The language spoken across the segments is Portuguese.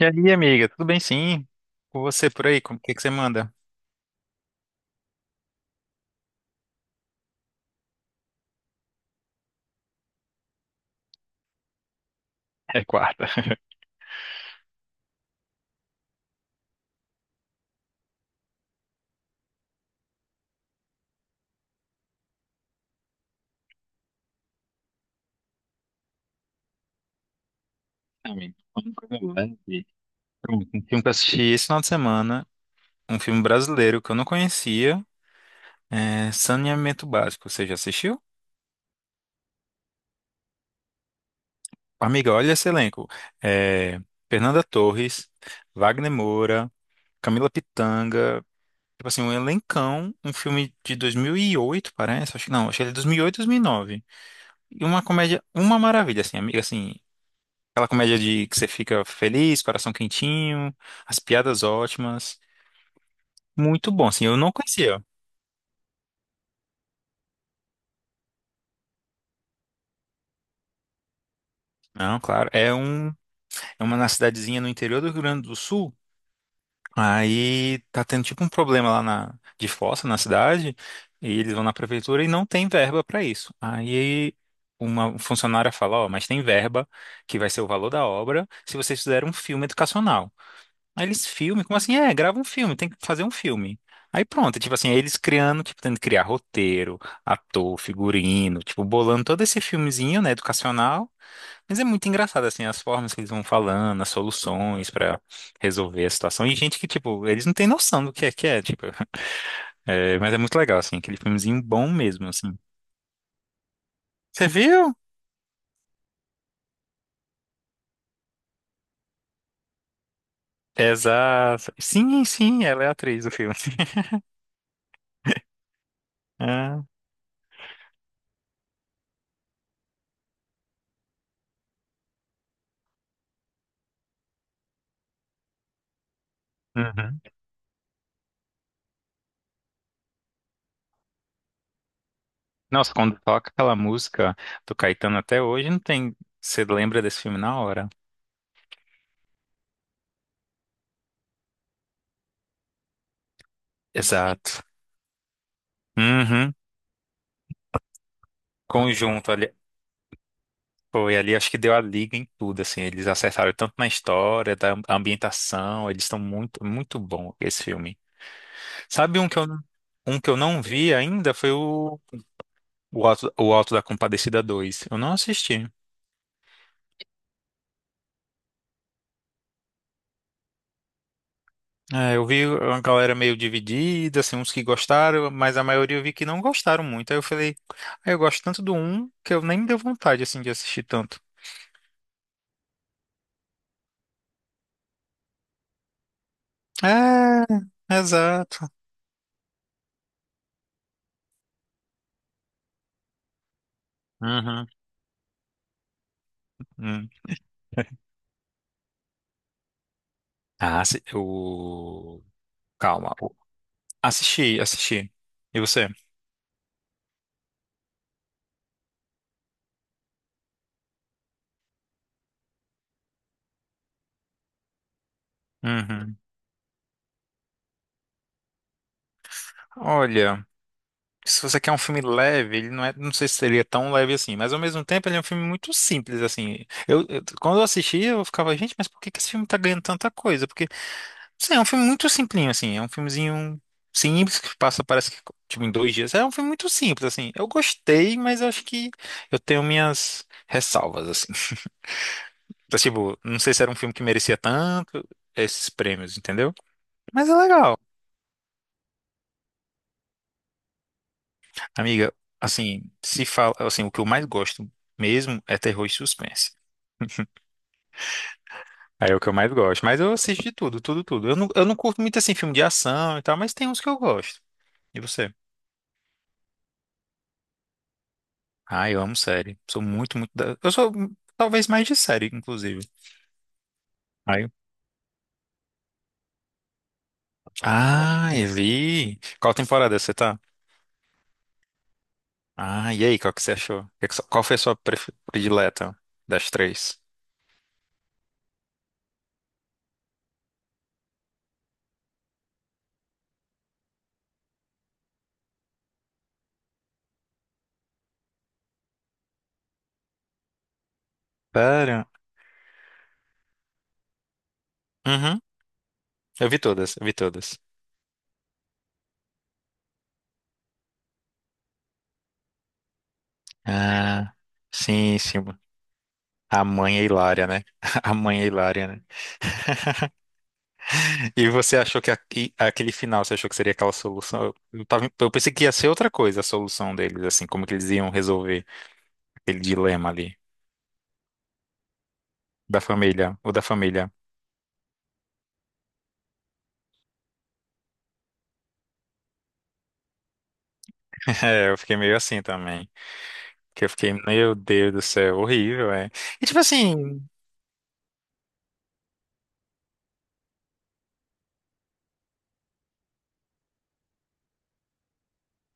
E aí, amiga, tudo bem sim? Com você por aí, como o que que você manda? É quarta. Amigo, uma coisa leve. Pronto, um filme que eu assisti esse final de semana, um filme brasileiro que eu não conhecia, é Saneamento Básico. Você já assistiu? Amiga, olha esse elenco. É, Fernanda Torres, Wagner Moura, Camila Pitanga, tipo assim, um elencão, um filme de 2008, parece, acho que não, acho que ele é 2008, 2009. E uma comédia, uma maravilha, assim, amiga, assim, aquela comédia de que você fica feliz, coração quentinho, as piadas ótimas. Muito bom, assim, eu não conhecia. Não, claro, é uma na cidadezinha no interior do Rio Grande do Sul. Aí tá tendo tipo um problema lá na de fossa na cidade, e eles vão na prefeitura e não tem verba pra isso. Aí uma funcionária fala, ó, mas tem verba que vai ser o valor da obra se vocês fizerem um filme educacional. Aí eles filmem, como assim? É, grava um filme, tem que fazer um filme. Aí pronto, tipo assim, eles criando, tipo, tendo que criar roteiro, ator, figurino, tipo, bolando todo esse filmezinho, né, educacional. Mas é muito engraçado, assim, as formas que eles vão falando, as soluções pra resolver a situação. E gente que, tipo, eles não têm noção do que é, tipo, é, mas é muito legal, assim, aquele filmezinho bom mesmo, assim. Você viu? Exato. Sim, sim, ela é a atriz do filme. Ah, uhum. Nossa, quando toca aquela música do Caetano até hoje, não tem. Você lembra desse filme na hora? Exato. Uhum. Conjunto ali. Foi ali, acho que deu a liga em tudo, assim. Eles acertaram tanto na história, da ambientação. Eles estão muito, muito bom esse filme. Sabe um que eu, não- um que eu não vi ainda foi o Alto da Compadecida 2. Eu não assisti. É, eu vi uma galera meio dividida, assim, uns que gostaram, mas a maioria eu vi que não gostaram muito. Aí eu falei, ah, eu gosto tanto do um que eu nem me deu vontade, assim, de assistir tanto. É, exato. Uhum. Hum. Ah, Calma. Assisti, assisti. E você? Uhum. Olha, se você quer um filme leve, ele não é, não sei se seria tão leve assim, mas ao mesmo tempo ele é um filme muito simples, assim. Quando eu assistia, eu ficava, gente, mas por que que esse filme tá ganhando tanta coisa? Porque sim, é um filme muito simplinho, assim. É um filmezinho simples que passa, parece que, tipo, em 2 dias. É um filme muito simples, assim. Eu gostei, mas eu acho que eu tenho minhas ressalvas, assim. Então, tipo, não sei se era um filme que merecia tanto esses prêmios, entendeu? Mas é legal. Amiga, assim, se fala, assim, o que eu mais gosto mesmo é terror e suspense. Aí é o que eu mais gosto. Mas eu assisto de tudo, tudo, tudo. Eu não curto muito, assim, filme de ação e tal, mas tem uns que eu gosto. E você? Ah, eu amo série. Sou muito, muito eu sou talvez mais de série, inclusive. Aí. Ah, eu vi. Qual temporada você tá? Ah, e aí, qual que você achou? Qual foi a sua predileta das três? Pera. Uhum. Eu vi todas, eu vi todas. Ah, sim, sim. A mãe é hilária, né? A mãe é hilária, né? E você achou e aquele final, você achou que seria aquela solução? Eu pensei que ia ser outra coisa a solução deles, assim, como que eles iam resolver aquele dilema ali. Da família, o da família. É, eu fiquei meio assim também. Que eu fiquei, meu Deus do céu, horrível, é. E tipo assim,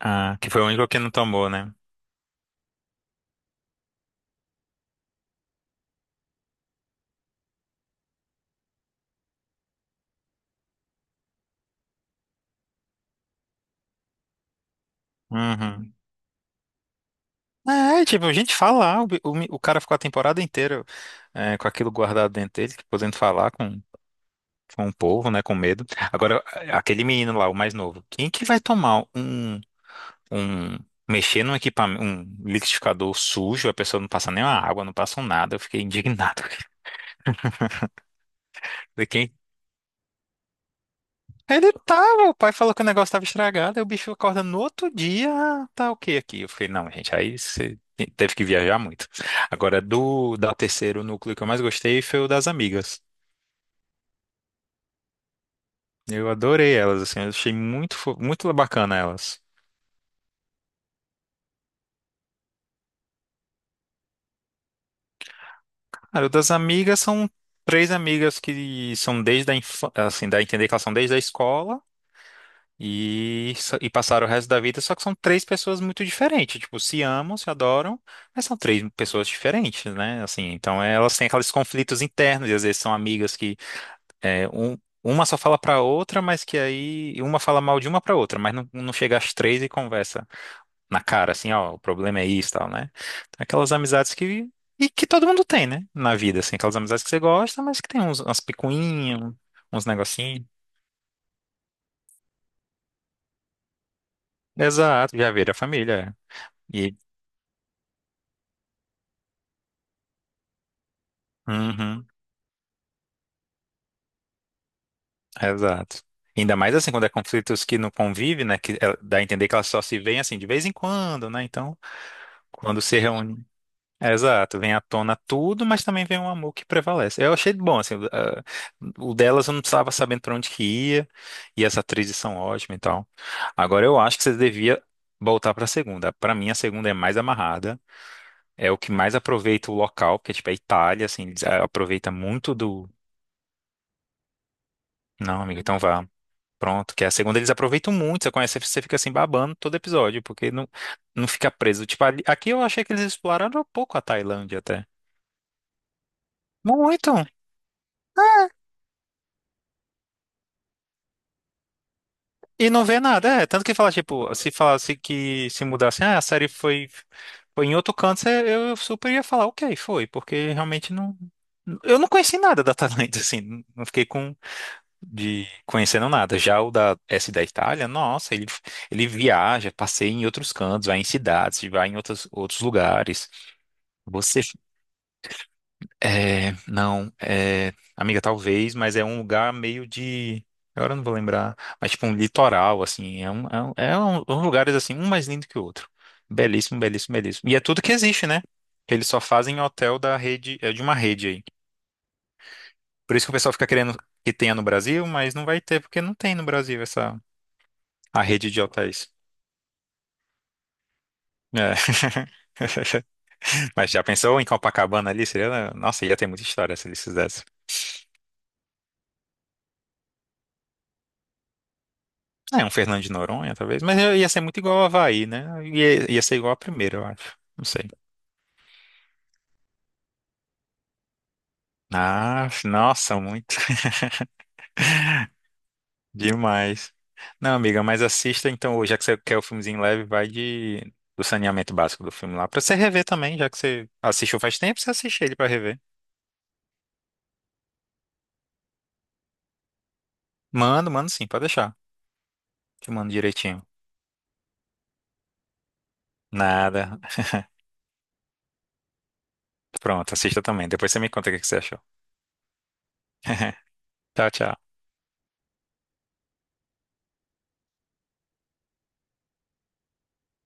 ah, que foi o único que não tomou, né? Uhum. É, tipo, a gente fala, ah, o, bi- o, mi- o cara ficou a temporada inteira é, com aquilo guardado dentro dele, podendo falar com, o povo, né, com medo. Agora, aquele menino lá, o mais novo, quem que vai um, mexer num equipamento, um liquidificador sujo, a pessoa não passa nem uma água, não passa um nada, eu fiquei indignado. Quem? Ele tava, o pai falou que o negócio tava estragado, aí o bicho acorda no outro dia, "Ah, tá ok aqui." Eu falei, não, gente, aí você teve que viajar muito. Agora, do da terceiro núcleo que eu mais gostei foi o das amigas. Eu adorei elas, assim, eu achei muito, muito bacana elas. Cara, o das amigas são três amigas que são desde a infância, assim, dá a entender que elas são desde a escola, e passaram o resto da vida, só que são três pessoas muito diferentes. Tipo, se amam, se adoram, mas são três pessoas diferentes, né? Assim, então elas têm aqueles conflitos internos, e às vezes são amigas que é, um, uma só fala pra outra, mas que aí uma fala mal de uma pra outra, mas não chega às três e conversa na cara, assim, ó, o problema é isso e tal, né? Então, aquelas amizades que. E que todo mundo tem, né? Na vida, assim, aquelas amizades que você gosta, mas que tem umas picuinhas, uns negocinhos. Exato, já vira a família. Uhum, exato. Ainda mais assim, quando é conflitos que não convivem, né? Que dá a entender que elas só se veem assim de vez em quando, né? Então, quando se reúne. Exato, vem à tona tudo, mas também vem um amor que prevalece. Eu achei bom, assim, ah, o delas eu não estava sabendo para onde que ia, e as atrizes são ótimas e tal. Agora eu acho que você devia voltar para a segunda. Para mim, a segunda é mais amarrada, é o que mais aproveita o local, porque tipo, é Itália, assim, eles, ah, aproveita muito do. Não, amigo, então vá. Pronto, que é a segunda eles aproveitam muito, você conhece, você fica assim babando todo episódio, porque não fica preso. Tipo, aqui eu achei que eles exploraram um pouco a Tailândia até. Muito! E não vê nada, é. Tanto que fala, tipo, se falasse que se mudasse, ah, a série foi, em outro canto, eu super ia falar, ok, foi, porque realmente não. Eu não conheci nada da Tailândia, assim, não fiquei com de conhecendo nada. Já o da Itália, nossa, ele viaja, passeia em outros cantos, vai em cidades, vai em outros, outros lugares. Você. É, não, é, amiga, talvez, mas é um lugar meio de. Agora eu não vou lembrar, mas tipo um litoral, assim. Uns lugares assim, um mais lindo que o outro. Belíssimo, belíssimo, belíssimo. E é tudo que existe, né? Eles só fazem hotel da rede, é de uma rede aí. Por isso que o pessoal fica querendo que tenha no Brasil, mas não vai ter, porque não tem no Brasil essa a rede de hotéis. É. Mas já pensou em Copacabana ali? Seria, né? Nossa, ia ter muita história se eles fizessem. É, um Fernando de Noronha, talvez. Mas ia ser muito igual ao Havaí, né? Ia ser igual a primeira, eu acho. Não sei. Ah, nossa, muito. Demais. Não, amiga, mas assista então, já que você quer o filmezinho leve, vai de do Saneamento Básico do filme lá, pra você rever também, já que você assistiu faz tempo, você assiste ele pra rever. Mando, mando sim, pode deixar. Te mando direitinho. Nada. Pronto, assista também. Depois você me conta o que que você achou. Tchau, tchau.